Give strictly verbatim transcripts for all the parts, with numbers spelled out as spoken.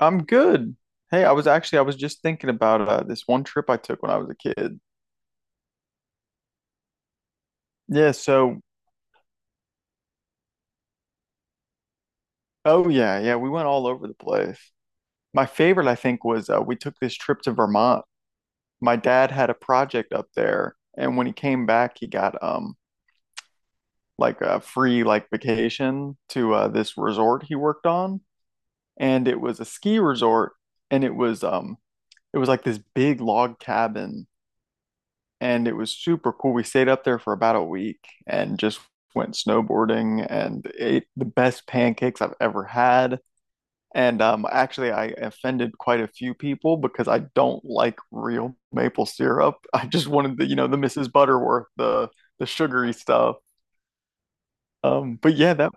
I'm good. Hey, I was actually I was just thinking about uh, this one trip I took when I was a kid. Yeah, so oh yeah, yeah, we went all over the place. My favorite, I think, was uh, we took this trip to Vermont. My dad had a project up there, and when he came back, he got um like a free like vacation to uh, this resort he worked on, and it was a ski resort, and it was um it was like this big log cabin, and it was super cool. We stayed up there for about a week and just went snowboarding and ate the best pancakes I've ever had. And um, actually, I offended quite a few people because I don't like real maple syrup. I just wanted the, you know, the Missus Butterworth, the the sugary stuff. Um, but yeah, that,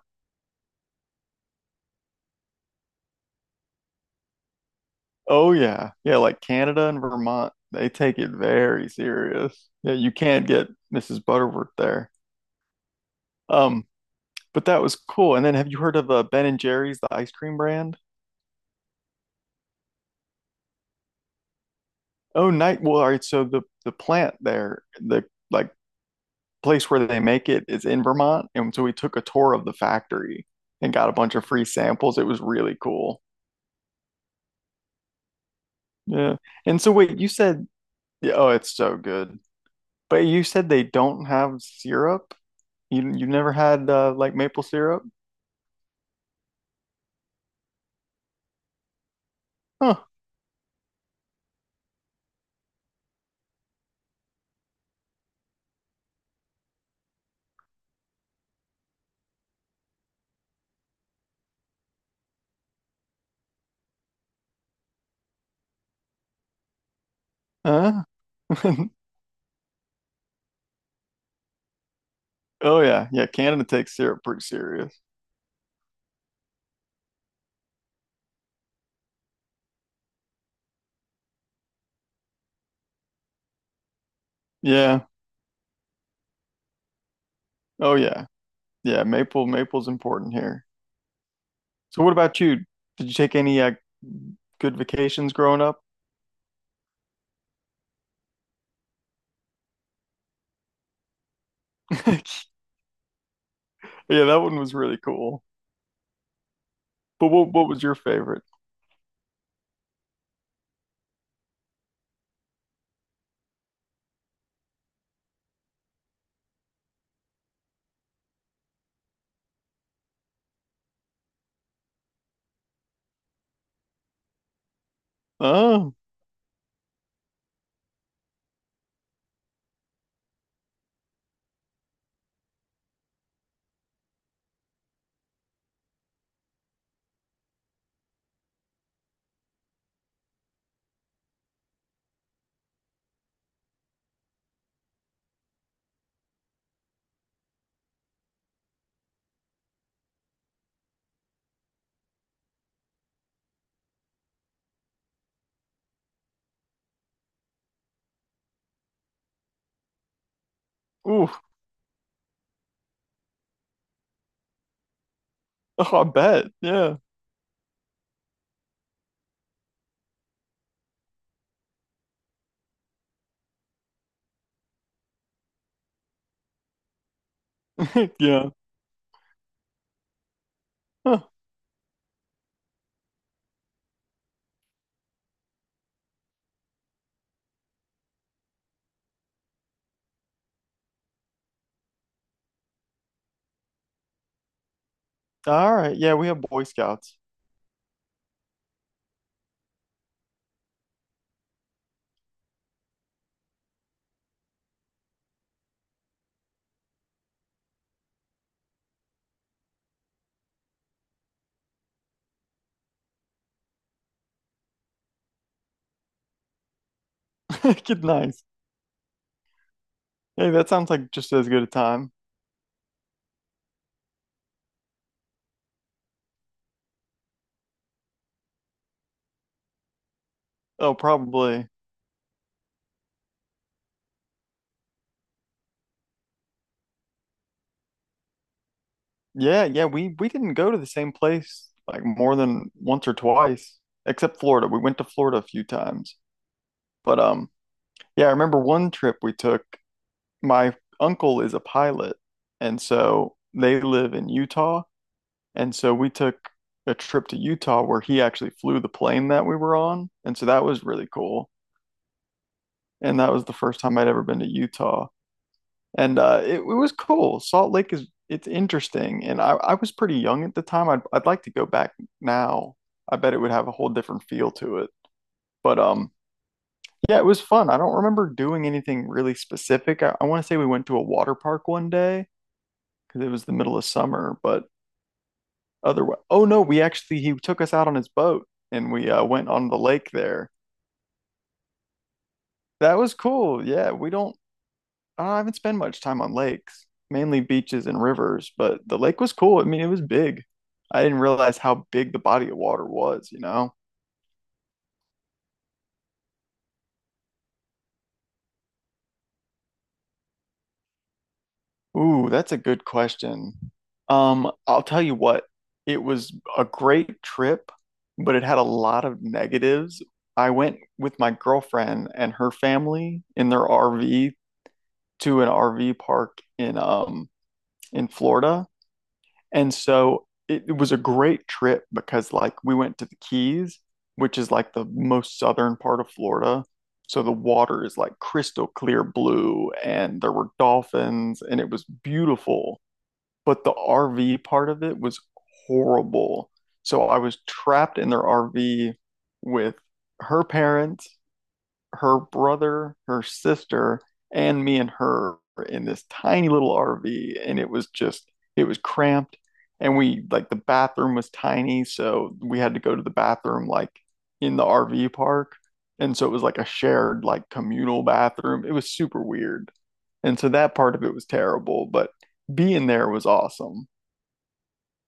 oh yeah, yeah, like Canada and Vermont, they take it very serious. Yeah, you can't get Missus Butterworth there. Um, But that was cool. And then have you heard of uh, Ben and Jerry's, the ice cream brand? Oh, night. Well, all right. So the the plant there, the like place where they make it is in Vermont, and so we took a tour of the factory and got a bunch of free samples. It was really cool. Yeah. And so wait, you said, yeah, oh, it's so good. But you said they don't have syrup. You you never had uh, like maple syrup? Huh. Huh? Oh yeah, yeah. Canada takes syrup pretty serious. Yeah. Oh yeah. Yeah. Maple maple's important here. So what about you? Did you take any uh, good vacations growing up? Yeah, that one was really cool. But what what was your favorite? Oh, ooh, oh, I bet. Yeah, yeah. Huh. All right. Yeah, we have Boy Scouts. Good, nice. Hey, that sounds like just as good a time. Oh, probably. Yeah, yeah. We we didn't go to the same place like more than once or twice, except Florida. We went to Florida a few times. But um, yeah, I remember one trip we took. My uncle is a pilot, and so they live in Utah. And so we took a trip to Utah where he actually flew the plane that we were on. And so that was really cool. And that was the first time I'd ever been to Utah. And uh, it, it was cool. Salt Lake is it's interesting. And I, I was pretty young at the time. I'd I'd like to go back now. I bet it would have a whole different feel to it. But um yeah, it was fun. I don't remember doing anything really specific. I, I want to say we went to a water park one day because it was the middle of summer. But otherwise, oh no, we actually he took us out on his boat, and we uh, went on the lake there. That was cool. Yeah, we don't. I haven't spent much time on lakes, mainly beaches and rivers. But the lake was cool. I mean, it was big. I didn't realize how big the body of water was, you know? Ooh, that's a good question. Um, I'll tell you what, it was a great trip, but it had a lot of negatives. I went with my girlfriend and her family in their R V to an R V park in um in Florida. And so it, it was a great trip because like we went to the Keys, which is like the most southern part of Florida. So the water is like crystal clear blue, and there were dolphins, and it was beautiful. But the R V part of it was horrible. So I was trapped in their R V with her parents, her brother, her sister, and me and her in this tiny little R V. And it was just, it was cramped. And we, like, the bathroom was tiny. So we had to go to the bathroom, like, in the R V park. And so it was like a shared, like, communal bathroom. It was super weird. And so that part of it was terrible, but being there was awesome.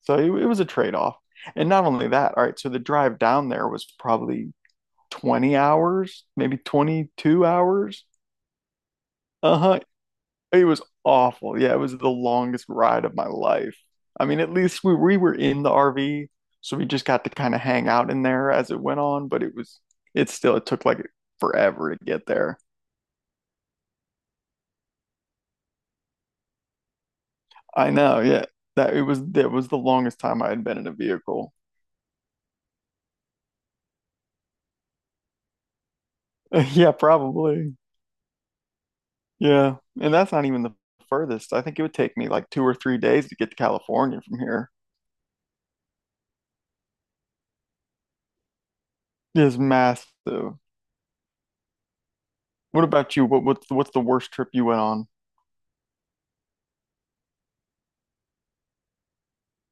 So it, it was a trade-off. And not only that, all right, so the drive down there was probably twenty hours, maybe twenty-two hours. Uh-huh. It was awful. Yeah, it was the longest ride of my life. I mean, at least we we were in the R V, so we just got to kind of hang out in there as it went on, but it was it still it took like forever to get there. I know, yeah. That it was that was the longest time I had been in a vehicle. Yeah, probably. Yeah. And that's not even the furthest. I think it would take me like two or three days to get to California from here. It's massive. What about you? What what's what's the worst trip you went on?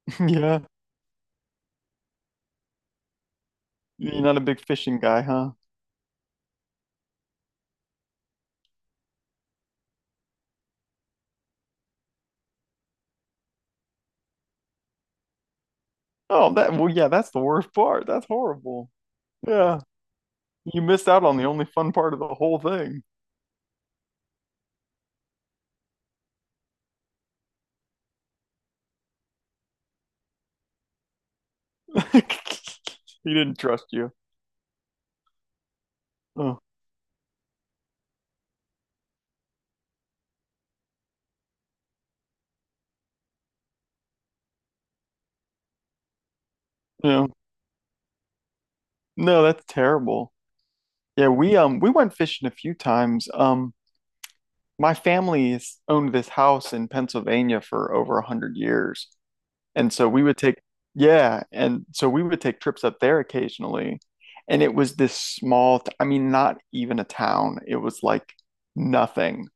Yeah. You're not a big fishing guy, huh? Oh, that well, yeah, that's the worst part. That's horrible. Yeah. You missed out on the only fun part of the whole thing. He didn't trust you. Oh, yeah. No, that's terrible. Yeah, we um we went fishing a few times. Um, my family's owned this house in Pennsylvania for over a hundred years. And so we would take, yeah. And so we would take trips up there occasionally. And it was this small, t- I mean, not even a town. It was like nothing.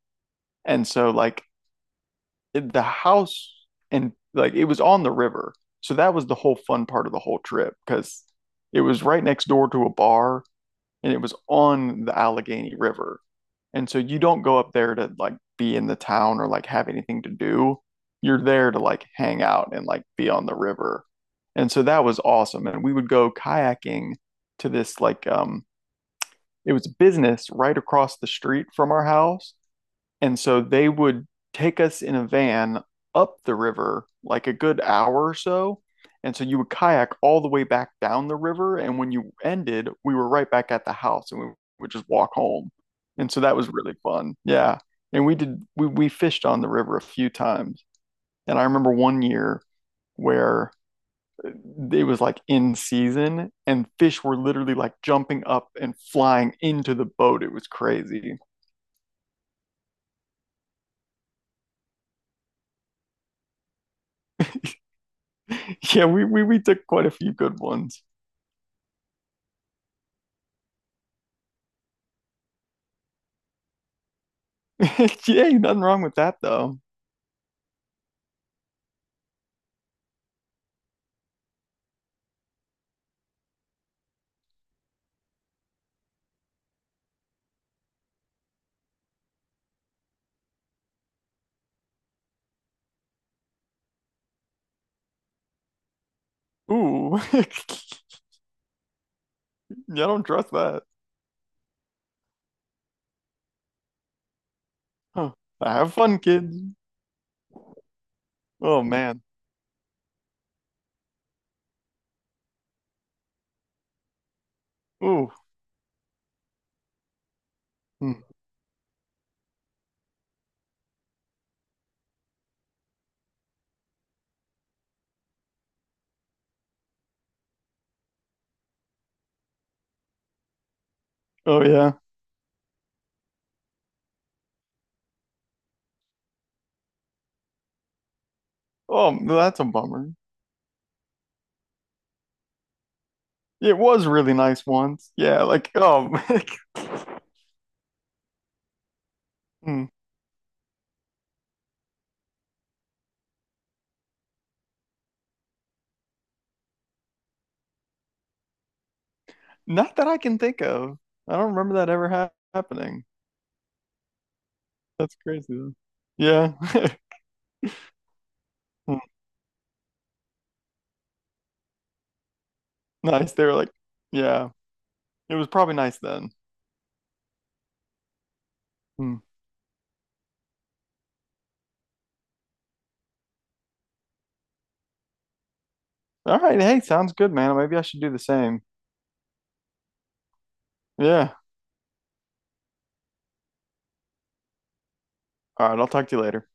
And so, like, it- the house, and like it was on the river. So that was the whole fun part of the whole trip because it was right next door to a bar, and it was on the Allegheny River. And so you don't go up there to like be in the town or like have anything to do. You're there to like hang out and like be on the river. And so that was awesome. And we would go kayaking to this like um it was a business right across the street from our house, and so they would take us in a van up the river like a good hour or so. And so you would kayak all the way back down the river. And when you ended, we were right back at the house, and we would just walk home. And so that was really fun. Yeah. And we did, we, we fished on the river a few times. And I remember one year where it was like in season, and fish were literally like jumping up and flying into the boat. It was crazy. Yeah, we, we, we took quite a few good ones. Yeah, nothing wrong with that though. Ooh, I don't trust that. Huh. Have fun, kids. Oh man. Ooh. Hmm. Oh yeah. Oh, well, that's a bummer. It was really nice once. Yeah, like oh, hmm. Not that I can think of. I don't remember that ever hap happening. That's crazy, though. Yeah. Hmm. Nice. They were like, yeah, it was probably nice then. Hmm. All right. Hey, sounds good, man. Maybe I should do the same. Yeah. All right. I'll talk to you later.